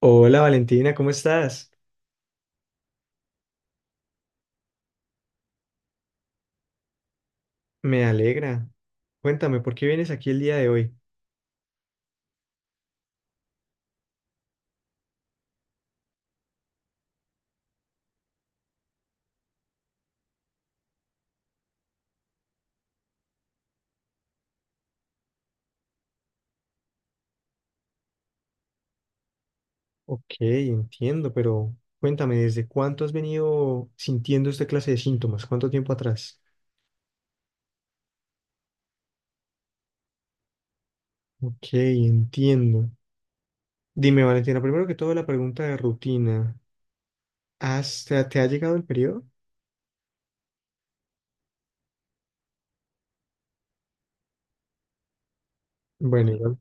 Hola, Valentina, ¿cómo estás? Me alegra. Cuéntame, ¿por qué vienes aquí el día de hoy? Ok, entiendo, pero cuéntame, ¿desde cuánto has venido sintiendo esta clase de síntomas? ¿Cuánto tiempo atrás? Ok, entiendo. Dime, Valentina, primero que todo, la pregunta de rutina. ¿ Te ha llegado el periodo? Bueno, igual.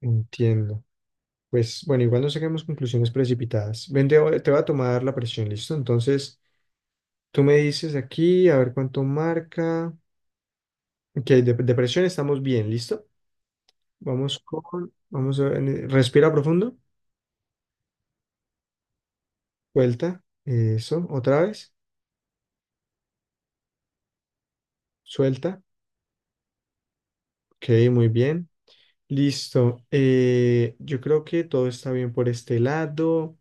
Entiendo. Pues bueno, igual no saquemos conclusiones precipitadas. Ven, te voy a tomar la presión, ¿listo? Entonces, tú me dices aquí, a ver cuánto marca. Ok, de presión estamos bien, ¿listo? Vamos con, vamos a, en- respira profundo, suelta, eso, otra vez, suelta, ok, muy bien, listo. Yo creo que todo está bien por este lado.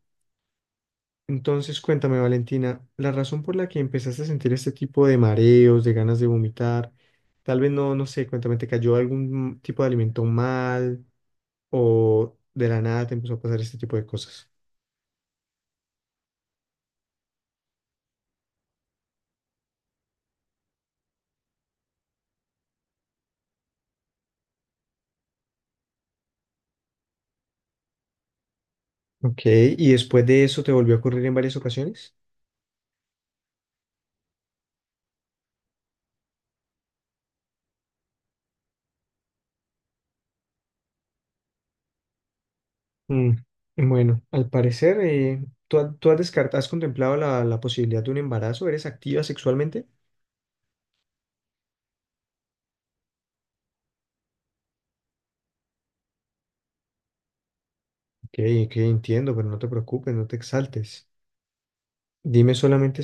Entonces, cuéntame, Valentina, la razón por la que empezaste a sentir este tipo de mareos, de ganas de vomitar, tal vez no sé, cuéntame, ¿te cayó algún tipo de alimento mal o de la nada te empezó a pasar este tipo de cosas? Ok, ¿y después de eso te volvió a ocurrir en varias ocasiones? Mm, Bueno, al parecer, tú has descartado, has contemplado la posibilidad de un embarazo? ¿Eres activa sexualmente? Ok, ok, entiendo, pero no te preocupes, no te exaltes. Dime solamente...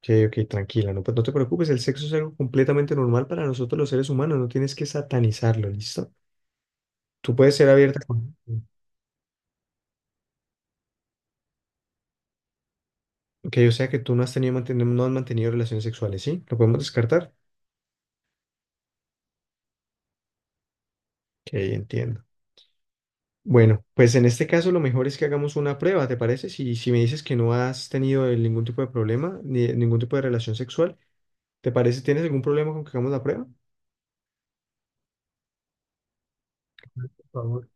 Ok, ok, tranquila, no, pues no te preocupes, el sexo es algo completamente normal para nosotros los seres humanos, no tienes que satanizarlo, ¿listo? Tú puedes ser abierta con... Ok, o sea que tú no has tenido, no has mantenido relaciones sexuales, ¿sí? ¿Lo podemos descartar? Ok, entiendo. Bueno, pues en este caso lo mejor es que hagamos una prueba, ¿te parece? Si si me dices que no has tenido ningún tipo de problema, ni ningún tipo de relación sexual, ¿te parece? ¿Tienes algún problema con que hagamos la prueba? Por favor.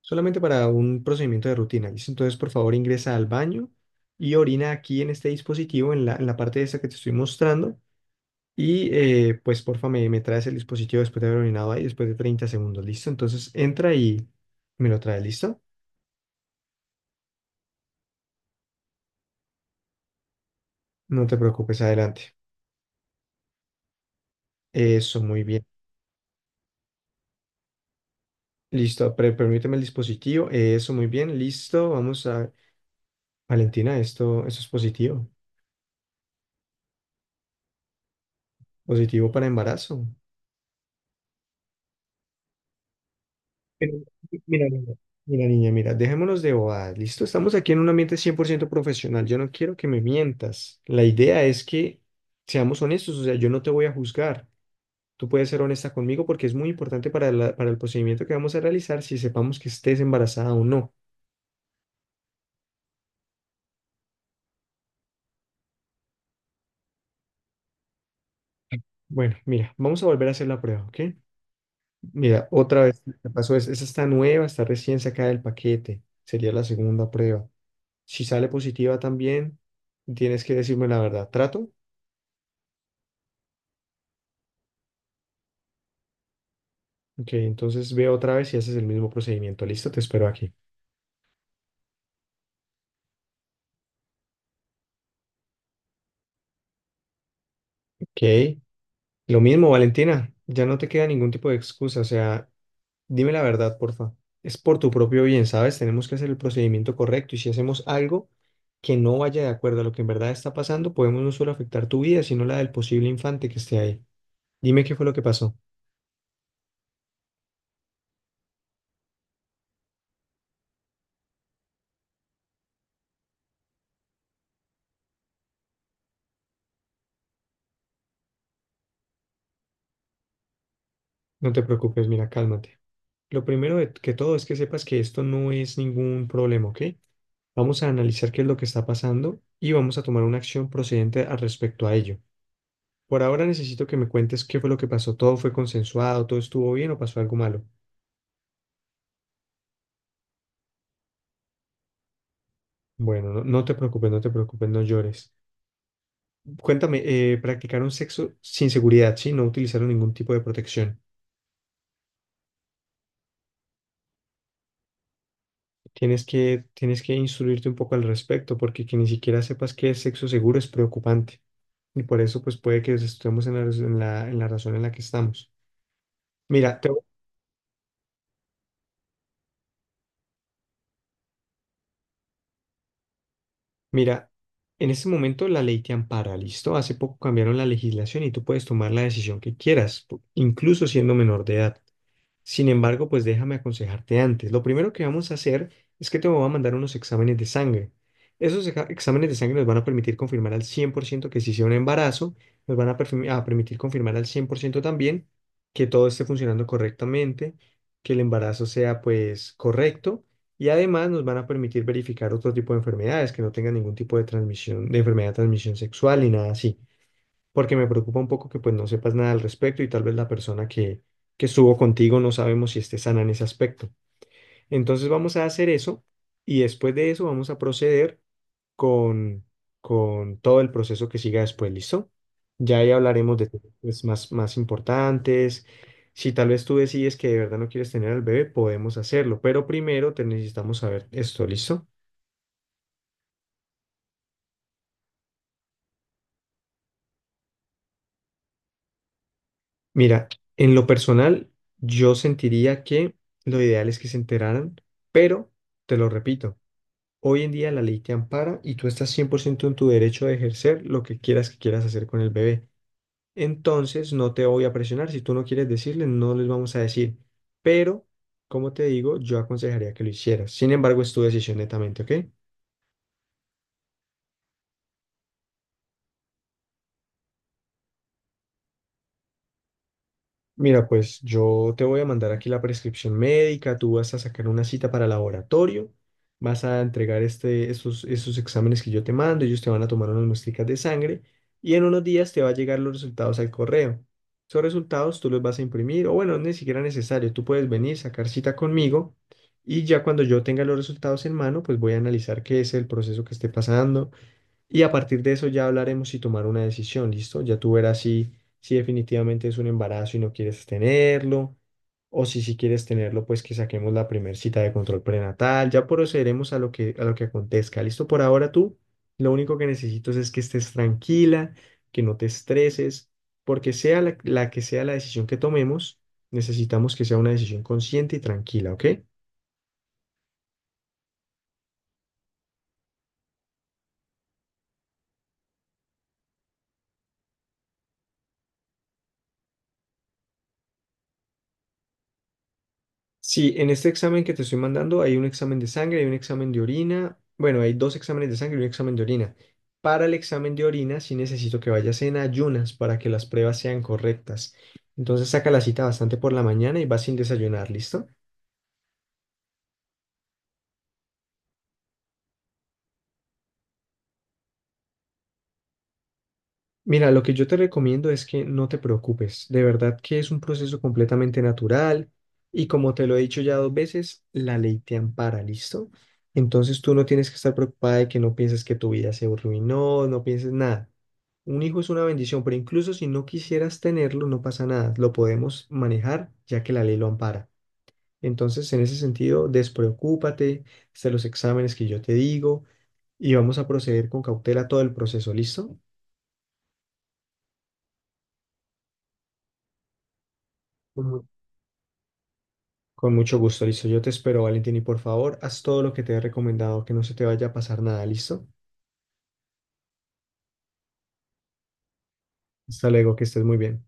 Solamente para un procedimiento de rutina, ¿listo? Entonces, por favor, ingresa al baño y orina aquí en este dispositivo, en en la parte de esta que te estoy mostrando. Y porfa, me traes el dispositivo después de haber orinado ahí, después de 30 segundos, ¿listo? Entonces, entra y me lo trae, ¿listo? No te preocupes, adelante. Eso, muy bien. Listo, permíteme el dispositivo. Eso, muy bien, listo. Vamos a... Valentina, esto, eso es positivo. Positivo para embarazo. Pero, mira, mira, mira, niña, mira, dejémonos de bobadas, ¿listo? Estamos aquí en un ambiente 100% profesional. Yo no quiero que me mientas. La idea es que seamos honestos, o sea, yo no te voy a juzgar. Tú puedes ser honesta conmigo porque es muy importante para para el procedimiento que vamos a realizar si sepamos que estés embarazada o no. Bueno, mira, vamos a volver a hacer la prueba, ¿ok? Mira, otra vez me pasó, es, esa está nueva, está recién sacada del paquete. Sería la segunda prueba. Si sale positiva también, tienes que decirme la verdad. ¿Trato? Ok, entonces ve otra vez y haces el mismo procedimiento. Listo, te espero aquí. Ok. Lo mismo, Valentina. Ya no te queda ningún tipo de excusa. O sea, dime la verdad, porfa. Es por tu propio bien, ¿sabes? Tenemos que hacer el procedimiento correcto, y si hacemos algo que no vaya de acuerdo a lo que en verdad está pasando, podemos no solo afectar tu vida, sino la del posible infante que esté ahí. Dime qué fue lo que pasó. No te preocupes, mira, cálmate. Lo primero que todo es que sepas que esto no es ningún problema, ¿ok? Vamos a analizar qué es lo que está pasando y vamos a tomar una acción procedente al respecto a ello. Por ahora necesito que me cuentes qué fue lo que pasó. ¿Todo fue consensuado? ¿Todo estuvo bien o pasó algo malo? Bueno, no, no te preocupes, no te preocupes, no llores. Cuéntame, practicaron sexo sin seguridad, ¿sí? No utilizaron ningún tipo de protección. Tienes que instruirte un poco al respecto, porque que ni siquiera sepas qué es sexo seguro es preocupante. Y por eso, pues puede que estemos en la, raz- en la razón en la que estamos. Mira, te, mira, en este momento la ley te ampara, ¿listo? Hace poco cambiaron la legislación y tú puedes tomar la decisión que quieras, incluso siendo menor de edad. Sin embargo, pues déjame aconsejarte antes. Lo primero que vamos a hacer es que te voy a mandar unos exámenes de sangre. Esos exámenes de sangre nos van a permitir confirmar al 100% que sí sea un embarazo, nos van a permitir confirmar al 100% también que todo esté funcionando correctamente, que el embarazo sea pues correcto, y además nos van a permitir verificar otro tipo de enfermedades, que no tengan ningún tipo de transmisión, de enfermedad de transmisión sexual ni nada así. Porque me preocupa un poco que pues no sepas nada al respecto y tal vez que estuvo contigo no sabemos si esté sana en ese aspecto. Entonces vamos a hacer eso y después de eso vamos a proceder con, con todo el proceso que siga después, ¿listo? Ya ahí hablaremos de temas más importantes. Si tal vez tú decides que de verdad no quieres tener al bebé, podemos hacerlo, pero primero te necesitamos saber esto, ¿listo? Mira, en lo personal, yo sentiría que lo ideal es que se enteraran, pero te lo repito, hoy en día la ley te ampara y tú estás 100% en tu derecho de ejercer lo que quieras hacer con el bebé. Entonces no te voy a presionar. Si tú no quieres decirles, no les vamos a decir. Pero, como te digo, yo aconsejaría que lo hicieras. Sin embargo, es tu decisión netamente, ¿ok? Mira, pues yo te voy a mandar aquí la prescripción médica, tú vas a sacar una cita para laboratorio, vas a entregar estos exámenes que yo te mando, ellos te van a tomar unas muestricas de sangre y en unos días te va a llegar los resultados al correo. Esos resultados tú los vas a imprimir, o bueno, ni siquiera necesario, tú puedes venir, sacar cita conmigo, y ya cuando yo tenga los resultados en mano, pues voy a analizar qué es el proceso que esté pasando, y a partir de eso ya hablaremos y tomar una decisión, ¿listo? Ya tú verás si si definitivamente es un embarazo y no quieres tenerlo, o si quieres tenerlo, pues que saquemos la primer cita de control prenatal. Ya procederemos a a lo que acontezca, ¿listo? Por ahora tú, lo único que necesito es que estés tranquila, que no te estreses, porque sea la que sea la decisión que tomemos, necesitamos que sea una decisión consciente y tranquila, ¿ok? Sí, en este examen que te estoy mandando hay un examen de sangre, hay un examen de orina. Bueno, hay dos exámenes de sangre y un examen de orina. Para el examen de orina sí necesito que vayas en ayunas para que las pruebas sean correctas. Entonces saca la cita bastante por la mañana y vas sin desayunar, ¿listo? Mira, lo que yo te recomiendo es que no te preocupes. De verdad que es un proceso completamente natural y, como te lo he dicho ya 2 veces, la ley te ampara, ¿listo? Entonces tú no tienes que estar preocupada, de que no pienses que tu vida se arruinó, no pienses nada. Un hijo es una bendición, pero incluso si no quisieras tenerlo, no pasa nada. Lo podemos manejar ya que la ley lo ampara. Entonces, en ese sentido, despreocúpate, haz los exámenes que yo te digo y vamos a proceder con cautela todo el proceso, ¿listo? Con Con mucho gusto, listo. Yo te espero, Valentín, y por favor, haz todo lo que te he recomendado, que no se te vaya a pasar nada, ¿listo? Hasta luego, que estés muy bien.